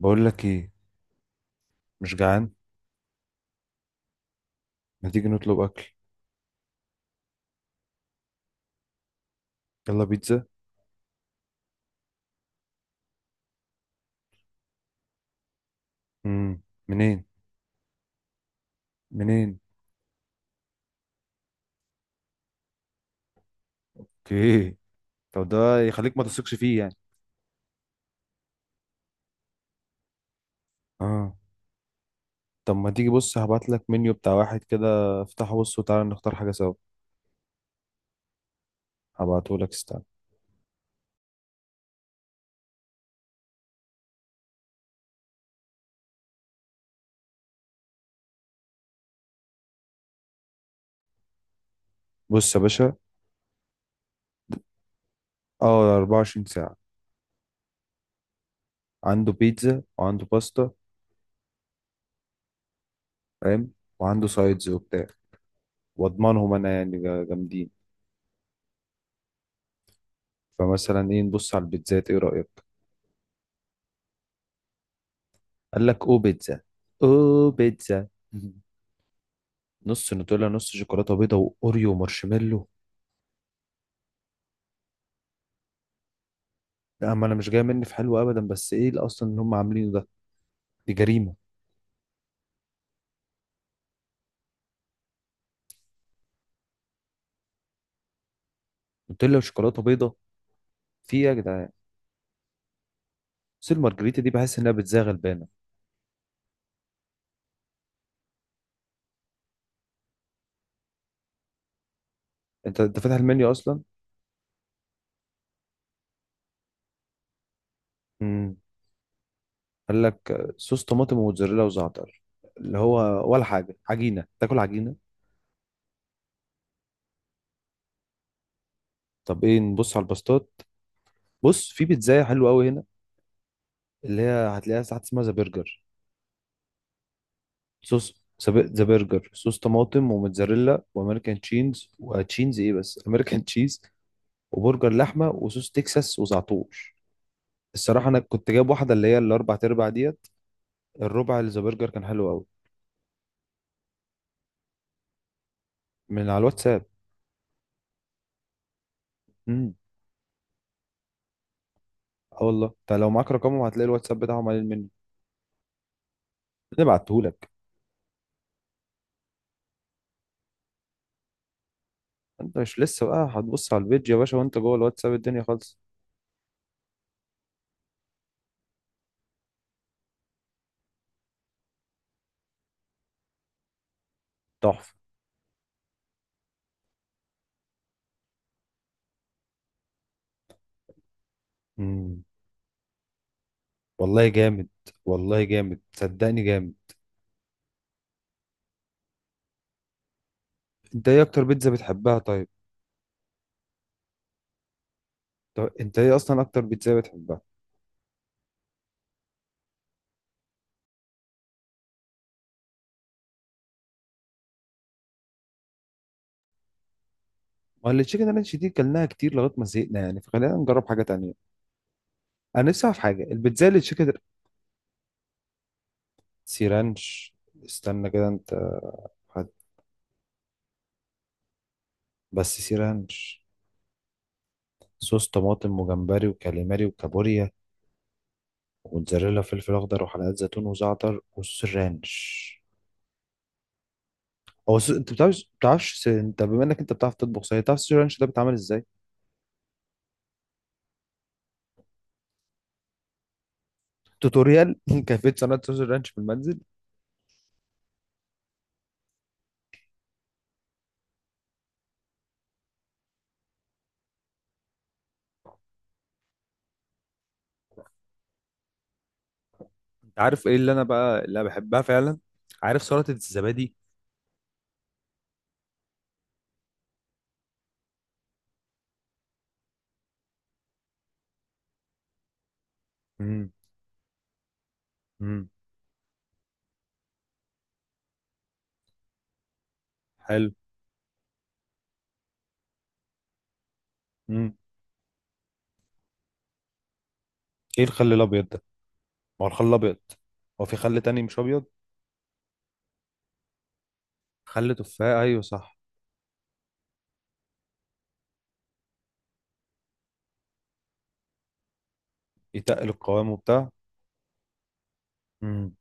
بقول لك ايه. مش جعان. ما تيجي نطلب اكل؟ يلا بيتزا. امم منين؟ منين اوكي. طب ده. يخليك ما تثقش فيه يعني. اه. طب ما تيجي، بص، هبعت لك منيو بتاع واحد كده. افتحه، بص وتعالى نختار حاجه سوا. هبعته لك، استنى. بص يا باشا. اه، 24 ساعه. عنده بيتزا وعنده باستا، فاهم، وعنده سايدز وبتاع. واضمنهم انا يعني جامدين. فمثلا ايه، نبص على البيتزات؟ ايه رايك؟ قال لك او بيتزا. او بيتزا. نص نوتيلا، نص شوكولاته بيضه، واوريو، ومارشميلو. لا، ما انا مش جاي مني في حلو ابدا، بس ايه اللي هم عاملينه ده؟ دي جريمه. نوتيلا وشوكولاته بيضه، في إيه يا جدعان؟ بس المارجريتا دي بحس انها بتزاغ البانه. انت فاتح المنيو اصلا؟ امم قال لك صوص طماطم وموتزاريلا وزعتر، اللي هو ولا حاجه، عجينه تاكل عجينه. طب ايه، نبص على الباستات؟ بص، في بيتزاية حلوه قوي هنا، اللي هي هتلاقيها ساعات، اسمها ذا برجر. ذا برجر، صوص طماطم وموتزاريلا وامريكان تشيز، وتشيز ايه بس امريكان تشيز، وبرجر لحمه، وصوص تكساس، وزعتور. الصراحه انا كنت جايب واحده، اللي هي الاربع تربع ديت. الربع اللي ذا برجر كان حلو قوي. من على الواتساب. امم اه، والله، انت لو معاك رقمهم هتلاقي الواتساب بتاعهم قليل مني. نبعتهولك. انت مش لسه بقى هتبص على الفيديو يا باشا وانت جوه الواتساب الدنيا خالص. تحفه. امم والله جامد. والله جامد، صدقني جامد. انت ايه اكتر بيتزا بتحبها طيب؟ طب انت ايه اصلا اكتر بيتزا بتحبها؟ ما اللي تشيكن رانش دي كلناها كتير لغايه ما زهقنا يعني، فخلينا نجرب حاجه تانية. انا نفسي اعرف حاجه، البيتزا اللي تشيكن. سي رانش؟ استنى كده انت. حد. بس سي رانش؟ صوص طماطم، وجمبري، وكاليماري، وكابوريا، وموتزاريلا، وفلفل اخضر، وحلقات زيتون، وزعتر، والسي رانش. انت بتعرفش انت بما انك انت بتعرف تطبخ صحيح، تعرف السي رانش ده بيتعمل ازاي؟ توتوريال. كيفيه صناعه صوص الرانش في المنزل. انت عارف ايه اللي انا بقى اللي أنا بحبها فعلا؟ عارف سلطه الزبادي؟ امم امم حلو. امم ايه الخل الابيض ده؟ ما هو الخل الابيض. هو في خل تاني مش ابيض؟ خل تفاح، ايوه صح. يتقل القوام وبتاع. امم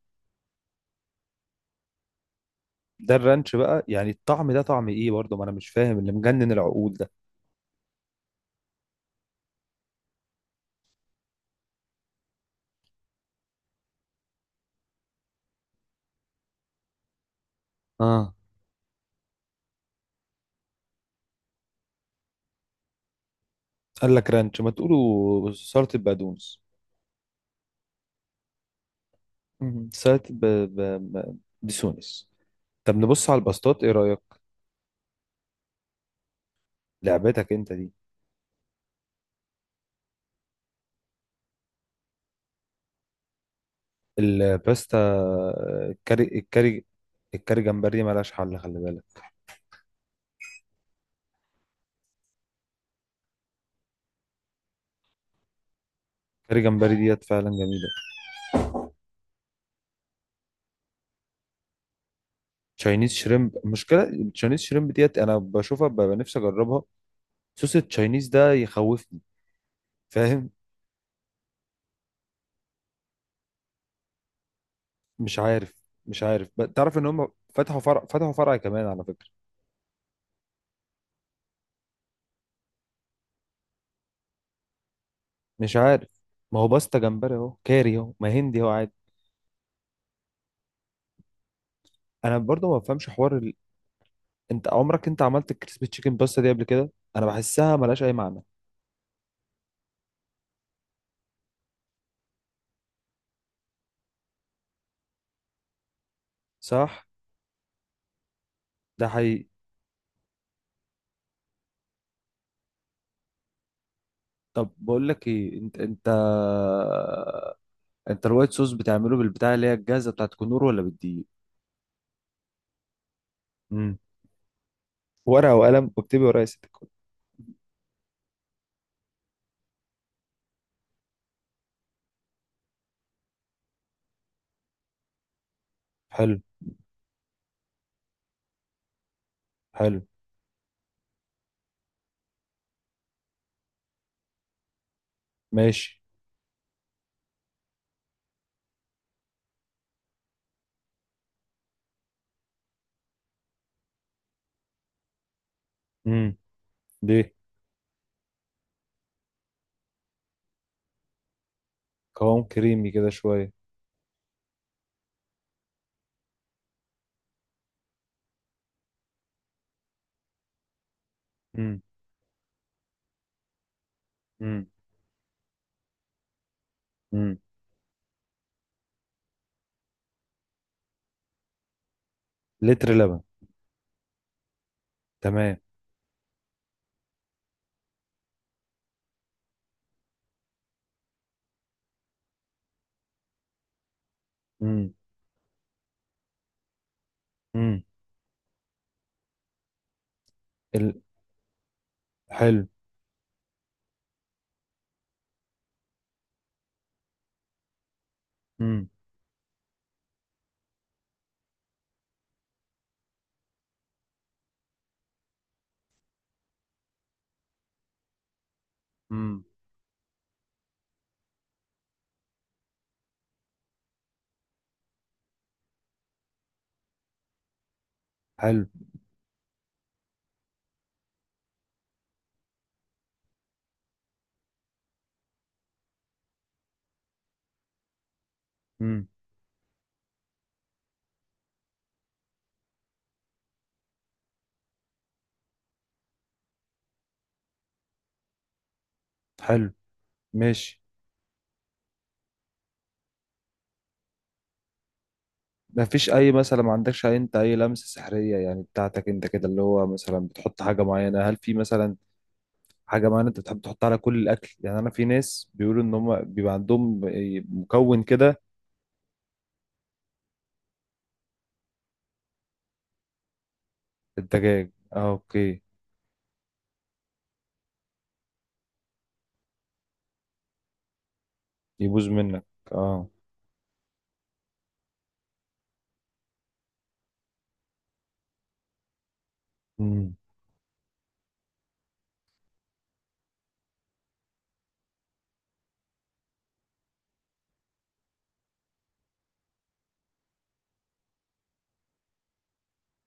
ده الرانش بقى يعني؟ الطعم ده طعم ايه برضه؟ ما انا مش فاهم اللي مجنن العقول ده. اه. قال لك رانش، ما تقولوا سلطة بقدونس. سلطة بسونس. طب نبص على الباستات، ايه رأيك؟ لعبتك انت دي. الباستا الكاري. الكاري جمبري ملهاش حل، خلي بالك. الكاري جمبري ديت فعلا جميلة. تشاينيز شريمب. المشكله التشاينيز شريمب ديت انا بشوفها ببقى نفسي اجربها. صوص التشاينيز ده يخوفني، فاهم؟ مش عارف. تعرف ان هم فتحوا فرع، كمان على فكره. مش عارف. ما هو باستا جمبري اهو، كاري اهو، ما هندي اهو عادي. انا برضو ما بفهمش حوار انت عمرك عملت الكريسبي تشيكن باستا دي قبل كده؟ انا بحسها ملهاش اي معنى. صح، ده حقيقي. طب بقول لك ايه، انت الوايت صوص بتعمله بالبتاع اللي هي الجاهزه بتاعت كنور، ولا بالدقيق؟ ورقة وقلم واكتبي ورايا ست الكل. حلو. حلو. ماشي. امم ليه؟ قوام كريمي كده شوية. امم امم امم لتر لبن. تمام. امم امم ال... حلو. امم امم حلو. امم حلو. ماشي. ما فيش اي مثلا، ما عندكش انت اي لمسة سحرية يعني بتاعتك انت كده، اللي هو مثلا بتحط حاجة معينة؟ هل في مثلا حاجة معينة انت بتحب تحطها على كل الاكل يعني؟ انا في ناس بيقولوا ان هم بيبقى عندهم مكون كده. الدجاج، اه، اوكي. يبوظ منك. اه. امم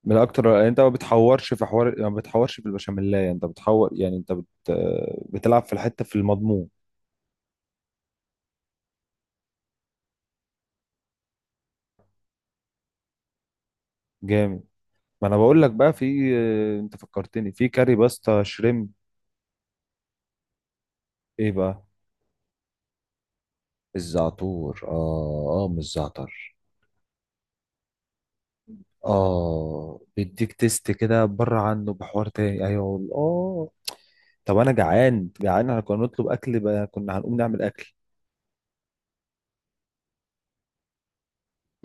من اكتر يعني، انت ما بتحورش في حوار، ما بتحورش في البشاميلايه انت بتحور يعني؟ انت بتلعب في الحته، في المضمون؟ جامد. ما انا بقول لك بقى، في، انت فكرتني في كاري باستا شريم. ايه بقى؟ الزعتور، اه اه، مش زعتر. اه، بيديك تيست كده بره عنه، بحوار تاني، ايوه. طب انا جعان، جعان، احنا كنا نطلب اكل بقى، كنا هنقوم نعمل اكل.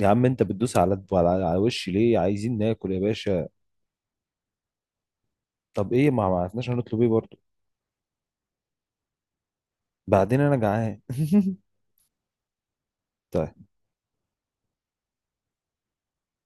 يا عم انت بتدوس على وشي ليه؟ عايزين ناكل يا باشا. طب ايه، ما عرفناش هنطلب ايه برضه. بعدين، انا جعان. طيب.